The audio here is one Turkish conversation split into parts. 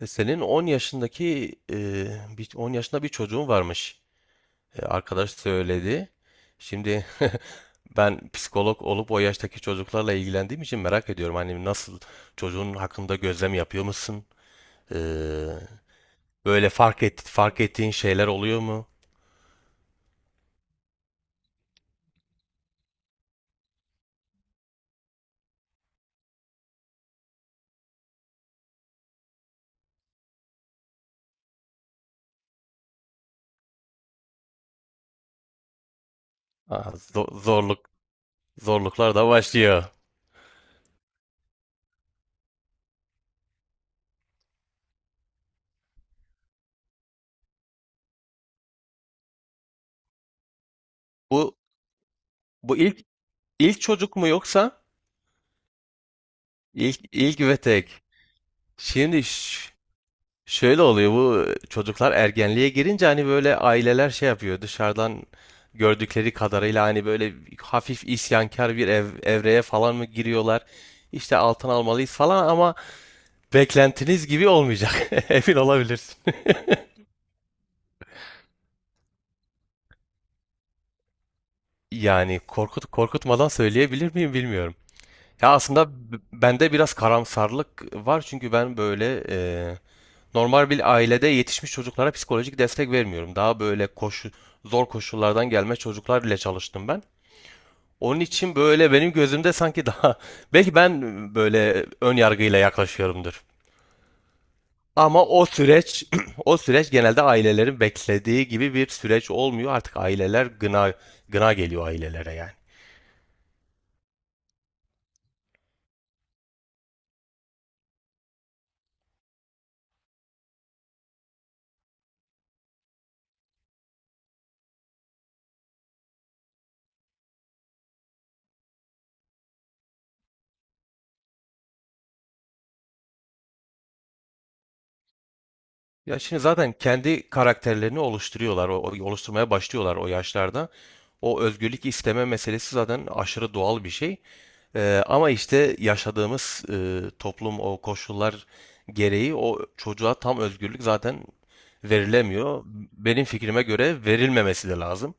Senin 10 yaşındaki 10 yaşında bir çocuğun varmış. Arkadaş söyledi. Şimdi ben psikolog olup o yaştaki çocuklarla ilgilendiğim için merak ediyorum. Hani nasıl çocuğun hakkında gözlem yapıyor musun? E, Böyle fark ettiğin şeyler oluyor mu? Aa, zorluk zorluklar da başlıyor. Bu ilk ilk çocuk mu yoksa ilk ilk ve tek. Şimdi şöyle oluyor, bu çocuklar ergenliğe girince hani böyle aileler şey yapıyor, dışarıdan gördükleri kadarıyla hani böyle hafif isyankar bir evreye falan mı giriyorlar? İşte altın almalıyız falan ama beklentiniz gibi olmayacak. Emin olabilirsin. Yani korkut korkutmadan söyleyebilir miyim bilmiyorum. Ya aslında bende biraz karamsarlık var çünkü ben böyle normal bir ailede yetişmiş çocuklara psikolojik destek vermiyorum. Daha böyle zor koşullardan gelme çocuklar ile çalıştım ben. Onun için böyle benim gözümde sanki daha belki ben böyle ön yargıyla yaklaşıyorumdur. Ama o süreç o süreç genelde ailelerin beklediği gibi bir süreç olmuyor. Artık aileler gına geliyor ailelere yani. Ya şimdi zaten kendi karakterlerini oluşturuyorlar, oluşturmaya başlıyorlar o yaşlarda. O özgürlük isteme meselesi zaten aşırı doğal bir şey. Ama işte yaşadığımız toplum o koşullar gereği o çocuğa tam özgürlük zaten verilemiyor. Benim fikrime göre verilmemesi de lazım.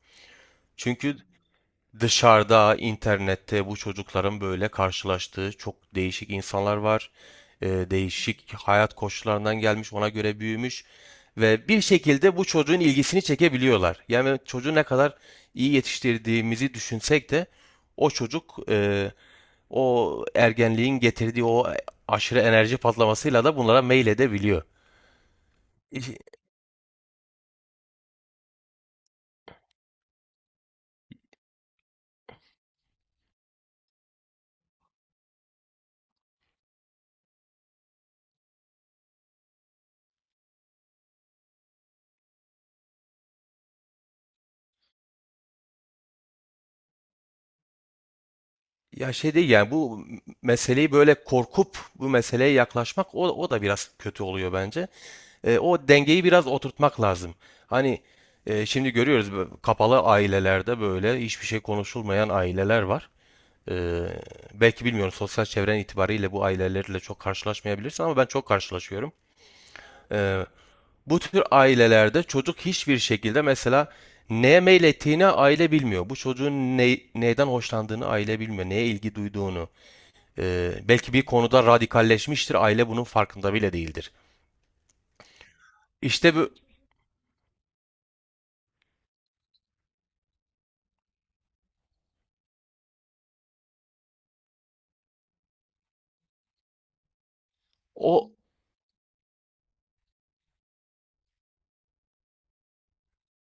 Çünkü dışarıda, internette bu çocukların böyle karşılaştığı çok değişik insanlar var. Değişik hayat koşullarından gelmiş, ona göre büyümüş ve bir şekilde bu çocuğun ilgisini çekebiliyorlar. Yani çocuğu ne kadar iyi yetiştirdiğimizi düşünsek de o çocuk o ergenliğin getirdiği o aşırı enerji patlamasıyla da bunlara meyledebiliyor. İş- Ya şey değil yani bu meseleyi böyle korkup bu meseleye yaklaşmak o da biraz kötü oluyor bence. O dengeyi biraz oturtmak lazım. Hani şimdi görüyoruz, bu kapalı ailelerde böyle hiçbir şey konuşulmayan aileler var. E, belki bilmiyorum, sosyal çevren itibariyle bu ailelerle çok karşılaşmayabilirsin ama ben çok karşılaşıyorum. E, bu tür ailelerde çocuk hiçbir şekilde mesela neye meylettiğini aile bilmiyor. Bu çocuğun neyden hoşlandığını aile bilmiyor. Neye ilgi duyduğunu. Belki bir konuda radikalleşmiştir. Aile bunun farkında bile değildir. İşte bu o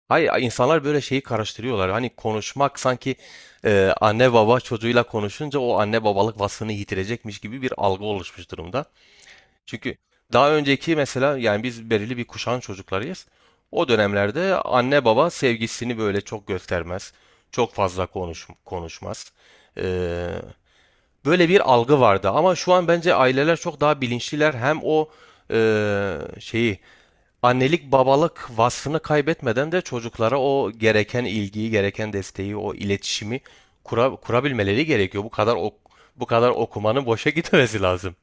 hayır, insanlar böyle şeyi karıştırıyorlar. Hani konuşmak sanki anne baba çocuğuyla konuşunca o anne babalık vasfını yitirecekmiş gibi bir algı oluşmuş durumda. Çünkü daha önceki mesela yani biz belirli bir kuşağın çocuklarıyız. O dönemlerde anne baba sevgisini böyle çok göstermez. Çok fazla konuşmaz. E, böyle bir algı vardı ama şu an bence aileler çok daha bilinçliler. Hem o e, şeyi annelik babalık vasfını kaybetmeden de çocuklara o gereken ilgiyi, gereken desteği, o iletişimi kurabilmeleri gerekiyor. Bu kadar bu kadar okumanın boşa gitmesi lazım.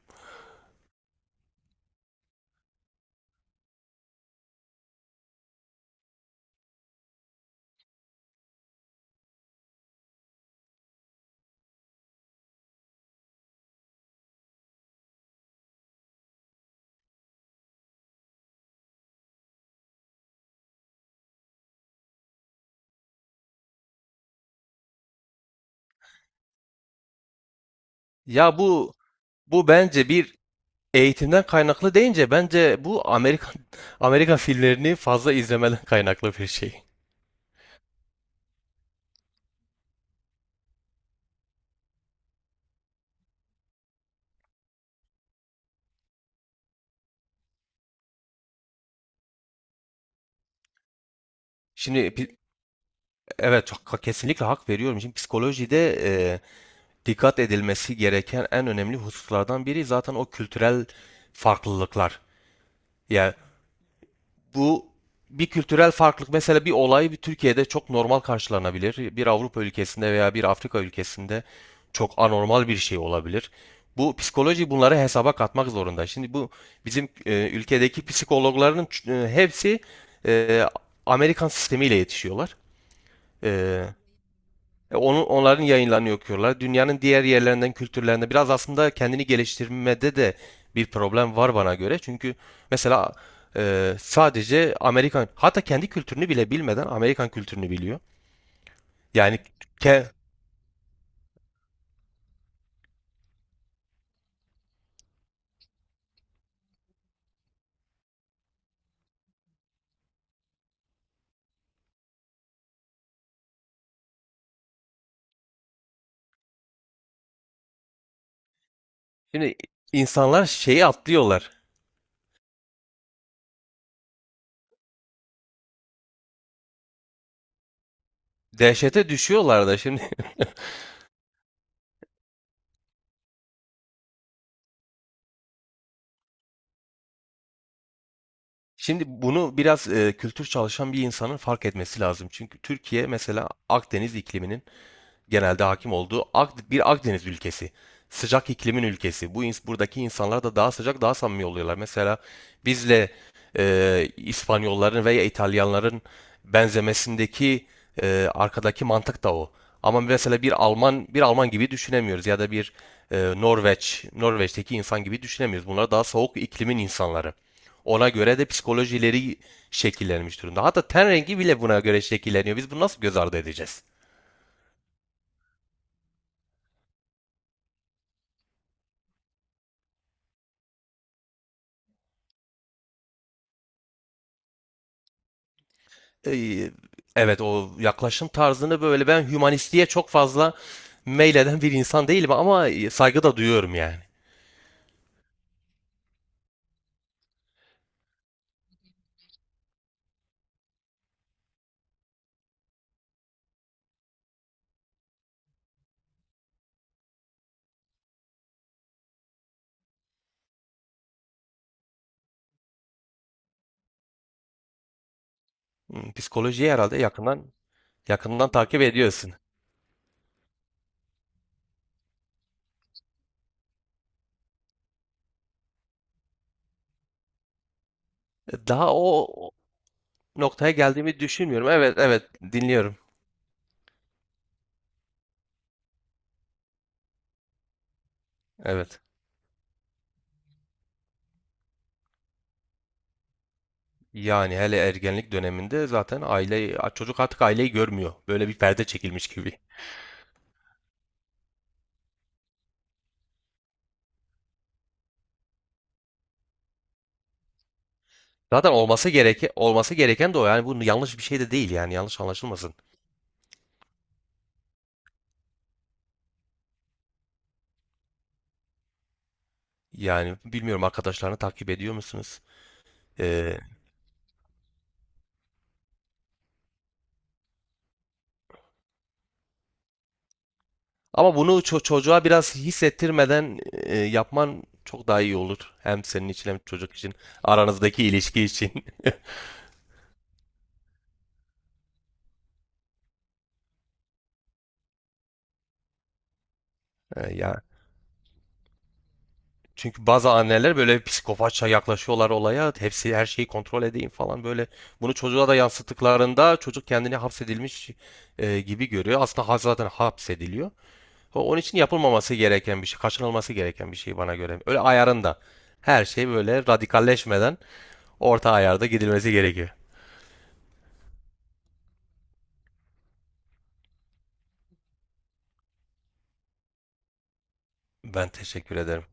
Ya bu bence bir eğitimden kaynaklı deyince bence bu Amerikan Amerikan filmlerini fazla izlemeden kaynaklı bir şey. Şimdi evet çok kesinlikle hak veriyorum. Şimdi psikolojide dikkat edilmesi gereken en önemli hususlardan biri zaten o kültürel farklılıklar. Yani bu bir kültürel farklılık, mesela bir olay bir Türkiye'de çok normal karşılanabilir. Bir Avrupa ülkesinde veya bir Afrika ülkesinde çok anormal bir şey olabilir. Bu psikoloji bunları hesaba katmak zorunda. Şimdi bu bizim ülkedeki psikologların hepsi e, Amerikan sistemiyle yetişiyorlar. E, Onun, onların yayınlarını okuyorlar. Dünyanın diğer yerlerinden, kültürlerinde biraz aslında kendini geliştirmede de bir problem var bana göre. Çünkü mesela sadece Amerikan, hatta kendi kültürünü bile bilmeden Amerikan kültürünü biliyor. Yani ke, şimdi insanlar şeyi atlıyorlar. Dehşete düşüyorlar da şimdi. Şimdi bunu biraz kültür çalışan bir insanın fark etmesi lazım. Çünkü Türkiye mesela Akdeniz ikliminin genelde hakim olduğu bir Akdeniz ülkesi. Sıcak iklimin ülkesi. Buradaki insanlar da daha sıcak, daha samimi oluyorlar. Mesela bizle İspanyolların veya İtalyanların benzemesindeki arkadaki mantık da o. Ama mesela bir Alman bir Alman gibi düşünemiyoruz ya da bir Norveç'teki insan gibi düşünemiyoruz. Bunlar daha soğuk iklimin insanları. Ona göre de psikolojileri şekillenmiş durumda. Hatta ten rengi bile buna göre şekilleniyor. Biz bunu nasıl göz ardı edeceğiz? Ee, Evet, o yaklaşım tarzını böyle ben hümanistliğe çok fazla meyleden bir insan değilim ama saygı da duyuyorum yani. Hmm, psikolojiyi herhalde yakından yakından takip ediyorsun. Daha o noktaya geldiğimi düşünmüyorum. Evet, evet, dinliyorum. Evet. Yani hele ergenlik döneminde zaten aile çocuk artık aileyi görmüyor. Böyle bir perde çekilmiş gibi. Zaten olması gereken de o. Yani bu yanlış bir şey de değil, yani yanlış anlaşılmasın. Yani bilmiyorum, arkadaşlarını takip ediyor musunuz? Ee, Ama bunu çocuğa biraz hissettirmeden yapman çok daha iyi olur. Hem senin için hem çocuk için. Aranızdaki ilişki için. Ya. Çünkü bazı anneler böyle psikopatça yaklaşıyorlar olaya. Hepsi her şeyi kontrol edeyim falan böyle. Bunu çocuğa da yansıttıklarında çocuk kendini hapsedilmiş gibi görüyor. Aslında zaten hapsediliyor. Onun için yapılmaması gereken bir şey, kaçınılması gereken bir şey bana göre. Öyle ayarında. Her şey böyle radikalleşmeden orta ayarda gidilmesi gerekiyor. Ben teşekkür ederim.